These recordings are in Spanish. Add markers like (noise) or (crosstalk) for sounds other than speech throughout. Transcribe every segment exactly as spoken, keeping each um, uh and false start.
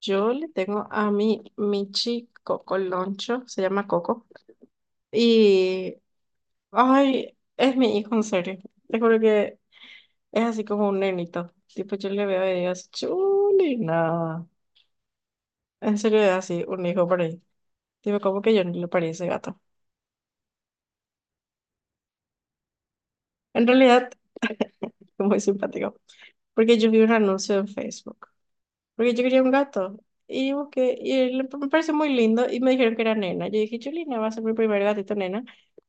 Yo le tengo a mi Michi Coco Loncho, se llama Coco, y ay, es mi hijo en serio. Te juro que es así como un nenito. Tipo, yo le veo y digo, chulina. En serio es así, un hijo por ahí. Tipo, como que yo no le parí ese gato. En realidad, (laughs) es muy simpático. Porque yo vi un anuncio en Facebook. Porque yo quería un gato. Y busqué, y le- me pareció muy lindo. Y me dijeron que era nena. Yo dije, chulina, va a ser mi primer gatito nena.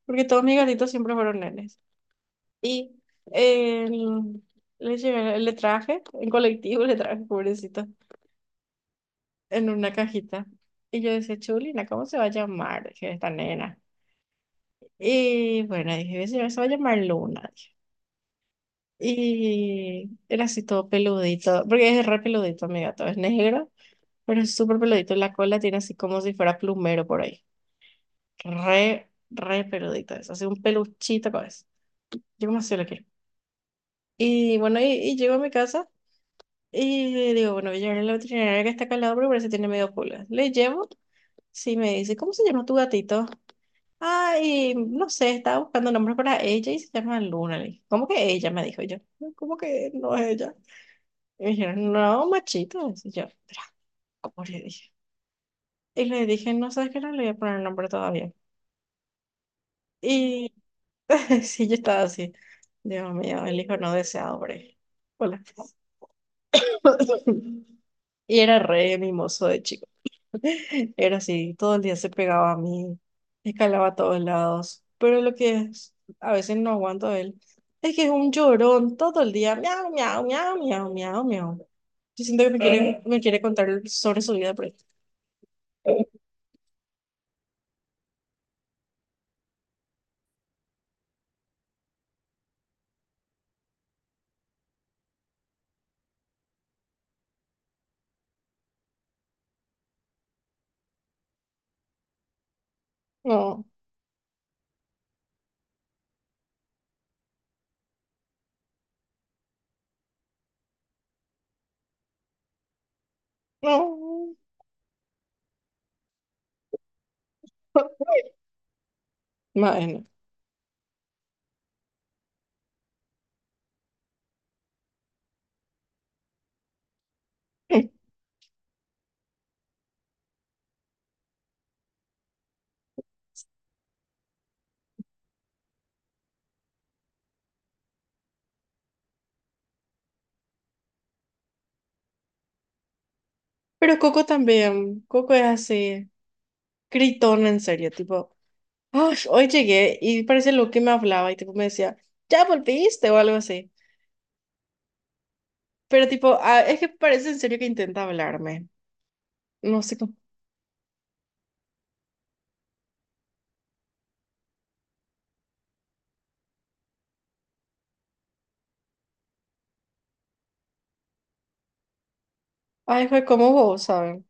Porque todos mis gatitos siempre fueron nenes. Y eh, le llevé, le traje, en colectivo le traje, pobrecito, en una cajita. Y yo decía, chulina, ¿cómo se va a llamar? Dije, esta nena. Y bueno, dije, se se va a llamar Luna, dije. Y era así todo peludito, porque es re peludito, mi gato, es negro, pero es súper peludito. La cola tiene así como si fuera plumero por ahí. Re, re peludito eso, así un peluchito con eso. Yo como así lo quiero. Y bueno, y, y llego a mi casa. Y le digo, bueno, voy a llevarle a la veterinaria que está acá al lado porque parece que tiene medio pulga. Le llevo, sí, me dice, ¿cómo se llama tu gatito? Ay, no sé, estaba buscando nombres para ella y se llama Luna. Le dije, ¿cómo que ella? Me dijo yo. No, ¿cómo que no es ella? Y me dijeron, no, machito. Y yo, "Pero, ¿cómo le dije? Y le dije, no, ¿sabes qué? No le voy a poner nombre todavía". Y (laughs) sí, yo estaba así. Dios mío, el hijo no deseado, hombre. Hola. (laughs) Y era re mimoso de chico. Era así, todo el día se pegaba a mí, escalaba a todos lados. Pero lo que es, a veces no aguanto a él, es que es un llorón todo el día, miau, miau, miau, miau, miau, miau. Yo siento que me quiere, me quiere contar sobre su vida, pero no, no. (laughs) Bueno. Pero Coco también, Coco es así, gritón en serio, tipo, "Ay, hoy llegué y parece lo que me hablaba y tipo me decía, ya volviste o algo así". Pero tipo, ah, es que parece en serio que intenta hablarme. No sé cómo. Ay, fue como vos, ¿saben?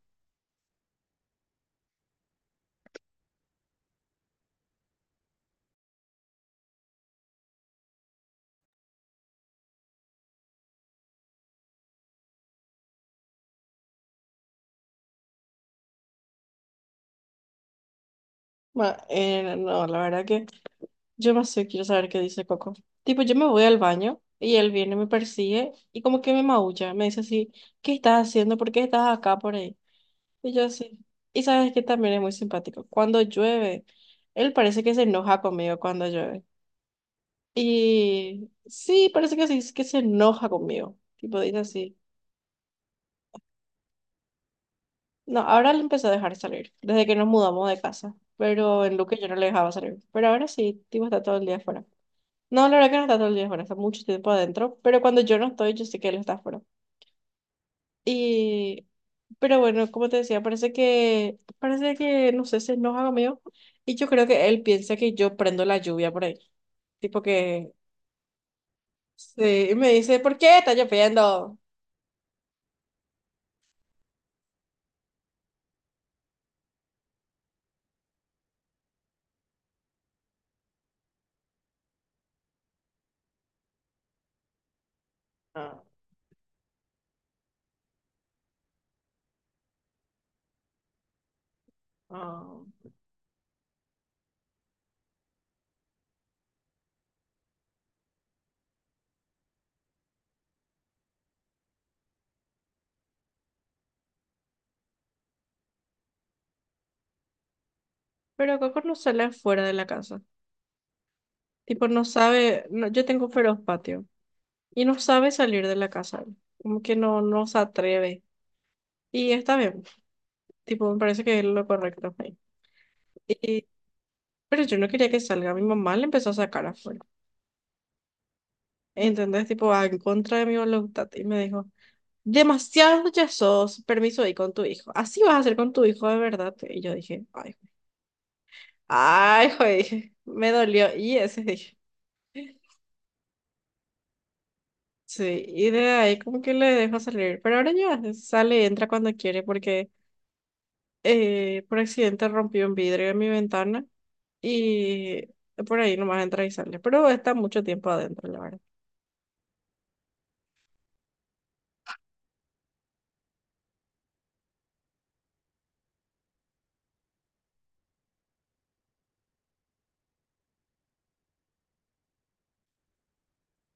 Ma- eh, no, la verdad que yo más sé, quiero saber qué dice Coco. Tipo, yo me voy al baño y él viene, me persigue y como que me maulla. Me dice así, ¿qué estás haciendo? ¿Por qué estás acá por ahí? Y yo así. Y sabes que también es muy simpático. Cuando llueve, él parece que se enoja conmigo cuando llueve. Y sí, parece que sí, es que se enoja conmigo. Tipo, dice así. No, ahora le empezó a dejar salir, desde que nos mudamos de casa. Pero en Luque yo no le dejaba salir. Pero ahora sí, tipo está todo el día afuera. No, la verdad que no está todo el día afuera, está mucho tiempo adentro. Pero cuando yo no estoy, yo sé que él está afuera. Y, pero bueno, como te decía, parece que, parece que, no sé, se enoja conmigo. Y yo creo que él piensa que yo prendo la lluvia por ahí. Tipo que, sí, y me dice, ¿por qué está lloviendo? Ah, ah. Pero Coco no sale afuera de la casa. Tipo, no sabe, no, yo tengo un feroz patio, y no sabe salir de la casa, como que no, no se atreve. Y está bien, tipo, me parece que es lo correcto ahí. Y, pero yo no quería que salga, mi mamá le empezó a sacar afuera. ¿Entendés? Tipo, ah, en contra de mi voluntad. Y me dijo, demasiado ya sos, permiso ahí con tu hijo. Así vas a hacer con tu hijo de verdad. Y yo dije, "Ay, jue- ay, jue", dije, me dolió. Y ese dije. Sí, y de ahí como que le dejo salir, pero ahora ya sale, entra cuando quiere porque eh, por accidente rompí un vidrio de mi ventana y por ahí nomás entra y sale. Pero está mucho tiempo adentro, la verdad.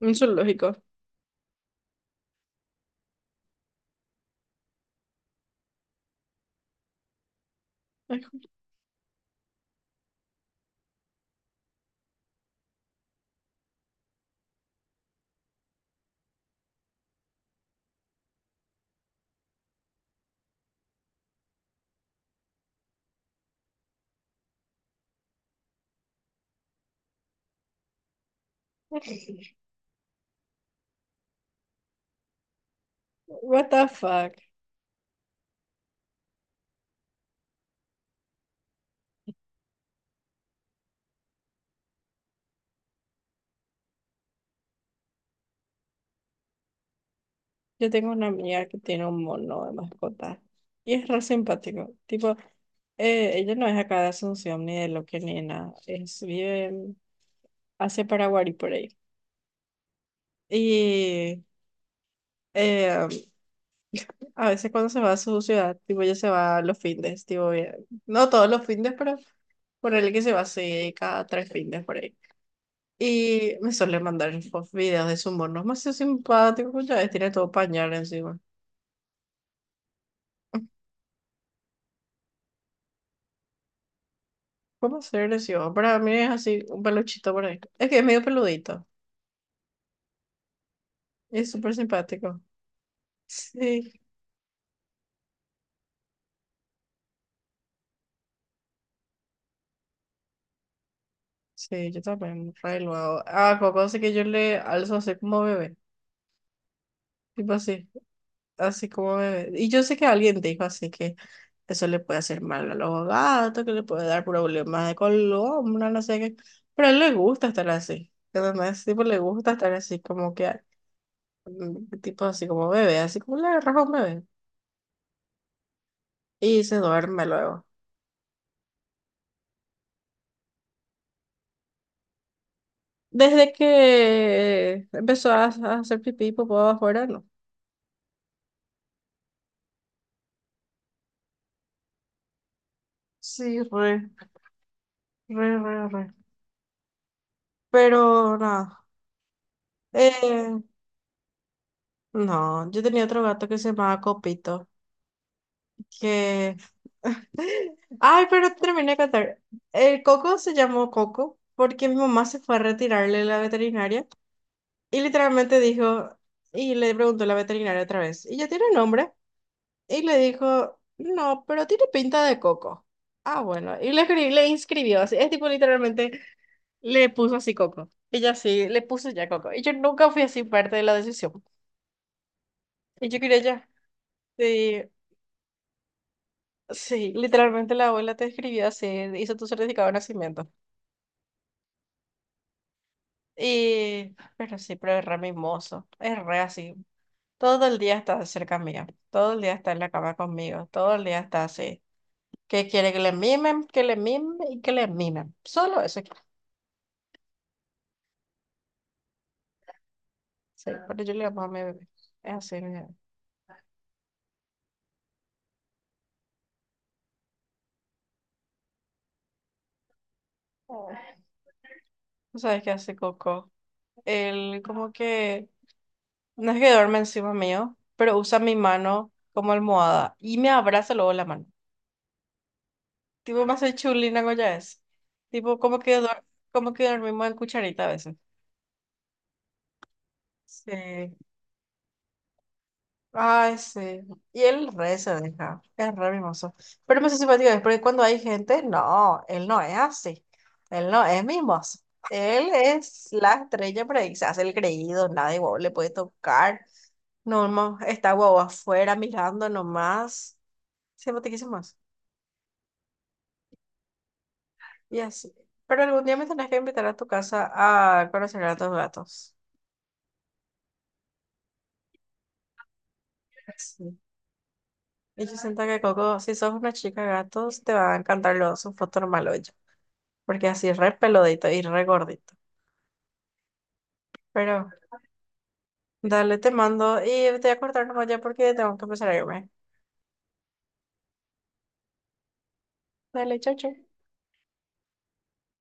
Un zoológico. Ay, what the fuck. Yo tengo una amiga que tiene un mono de mascota y es re simpático. Tipo, eh, ella no es acá de Asunción ni de Loque ni de nada. Es, vive en- hacia Paraguay por ahí. Y eh, a veces cuando se va a su ciudad, tipo ella se va los fines, tipo bien. No todos los fines, pero ponerle que se va así cada tres fines por ahí. Y me suele mandar fo- videos de su mono. Es más simpático, pues, ya ves, tiene todo pañal encima. ¿Cómo ser lesión? Para mí es así, un peluchito por ahí. Es que es medio peludito y es súper simpático. Sí, sí, yo también, re luego. Ah, Coco, así que yo le alzo así como bebé. Tipo así, así como bebé. Y yo sé que alguien dijo así que eso le puede hacer mal a los gatos, que le puede dar problemas de columna, no sé qué. Pero a él le gusta estar así. Además, tipo, le gusta estar así como que, mm, tipo así como bebé, así como le agarras a un bebé. Y se duerme luego. Desde que empezó a, a hacer pipí y popó afuera, no. Sí, re, re, re, re. Pero nada. Eh, no, yo tenía otro gato que se llamaba Copito, que... (laughs) Ay, pero terminé de contar. El Coco se llamó Coco porque mi mamá se fue a retirarle de la veterinaria y literalmente dijo, y le preguntó la veterinaria otra vez, ¿y ya tiene nombre? Y le dijo, no, pero tiene pinta de Coco. Ah, bueno, y le, escri- le inscribió así, es tipo literalmente le puso así Coco. Ella sí, le puso ya Coco. Y yo nunca fui así parte de la decisión. Y yo quería ya. Sí, sí, literalmente la abuela te escribió así, hizo tu certificado de nacimiento. Y, pero sí, pero es re mimoso, es re así. Todo el día está cerca mía, todo el día está en la cama conmigo, todo el día está así. Que quiere que le mimen, que le mimen y que le mimen. Solo eso quiere. Sí, pero yo le amo a mi bebé. Es así, mi bebé. ¿Tú sabes qué hace Coco? Él como que, no es que duerme encima mío, pero usa mi mano como almohada y me abraza luego la mano. Tipo, me hace chulina, ¿no? Ya es. Tipo, como que, duer- como que dormimos en cucharita a veces. Sí. Ay, sí. Y él re se deja. Es re mimoso. Pero me hace simpático es porque cuando hay gente, no, él no es así. Él no es mimoso. Él es la estrella, pero ahí se hace el creído, nadie guau, le puede tocar. No, no, está guau afuera mirando nomás. Simpaticísimo más. Y así. Pero algún día me tenés que invitar a tu casa a conocer a tus gatos. Sí. Y yo siento que Coco, si sos una chica de gatos, te va a encantar los, su foto normal, porque así es re peludito y re gordito. Pero dale, te mando y te voy a cortar nomás ya porque tengo que empezar a irme. Dale, chau, chau.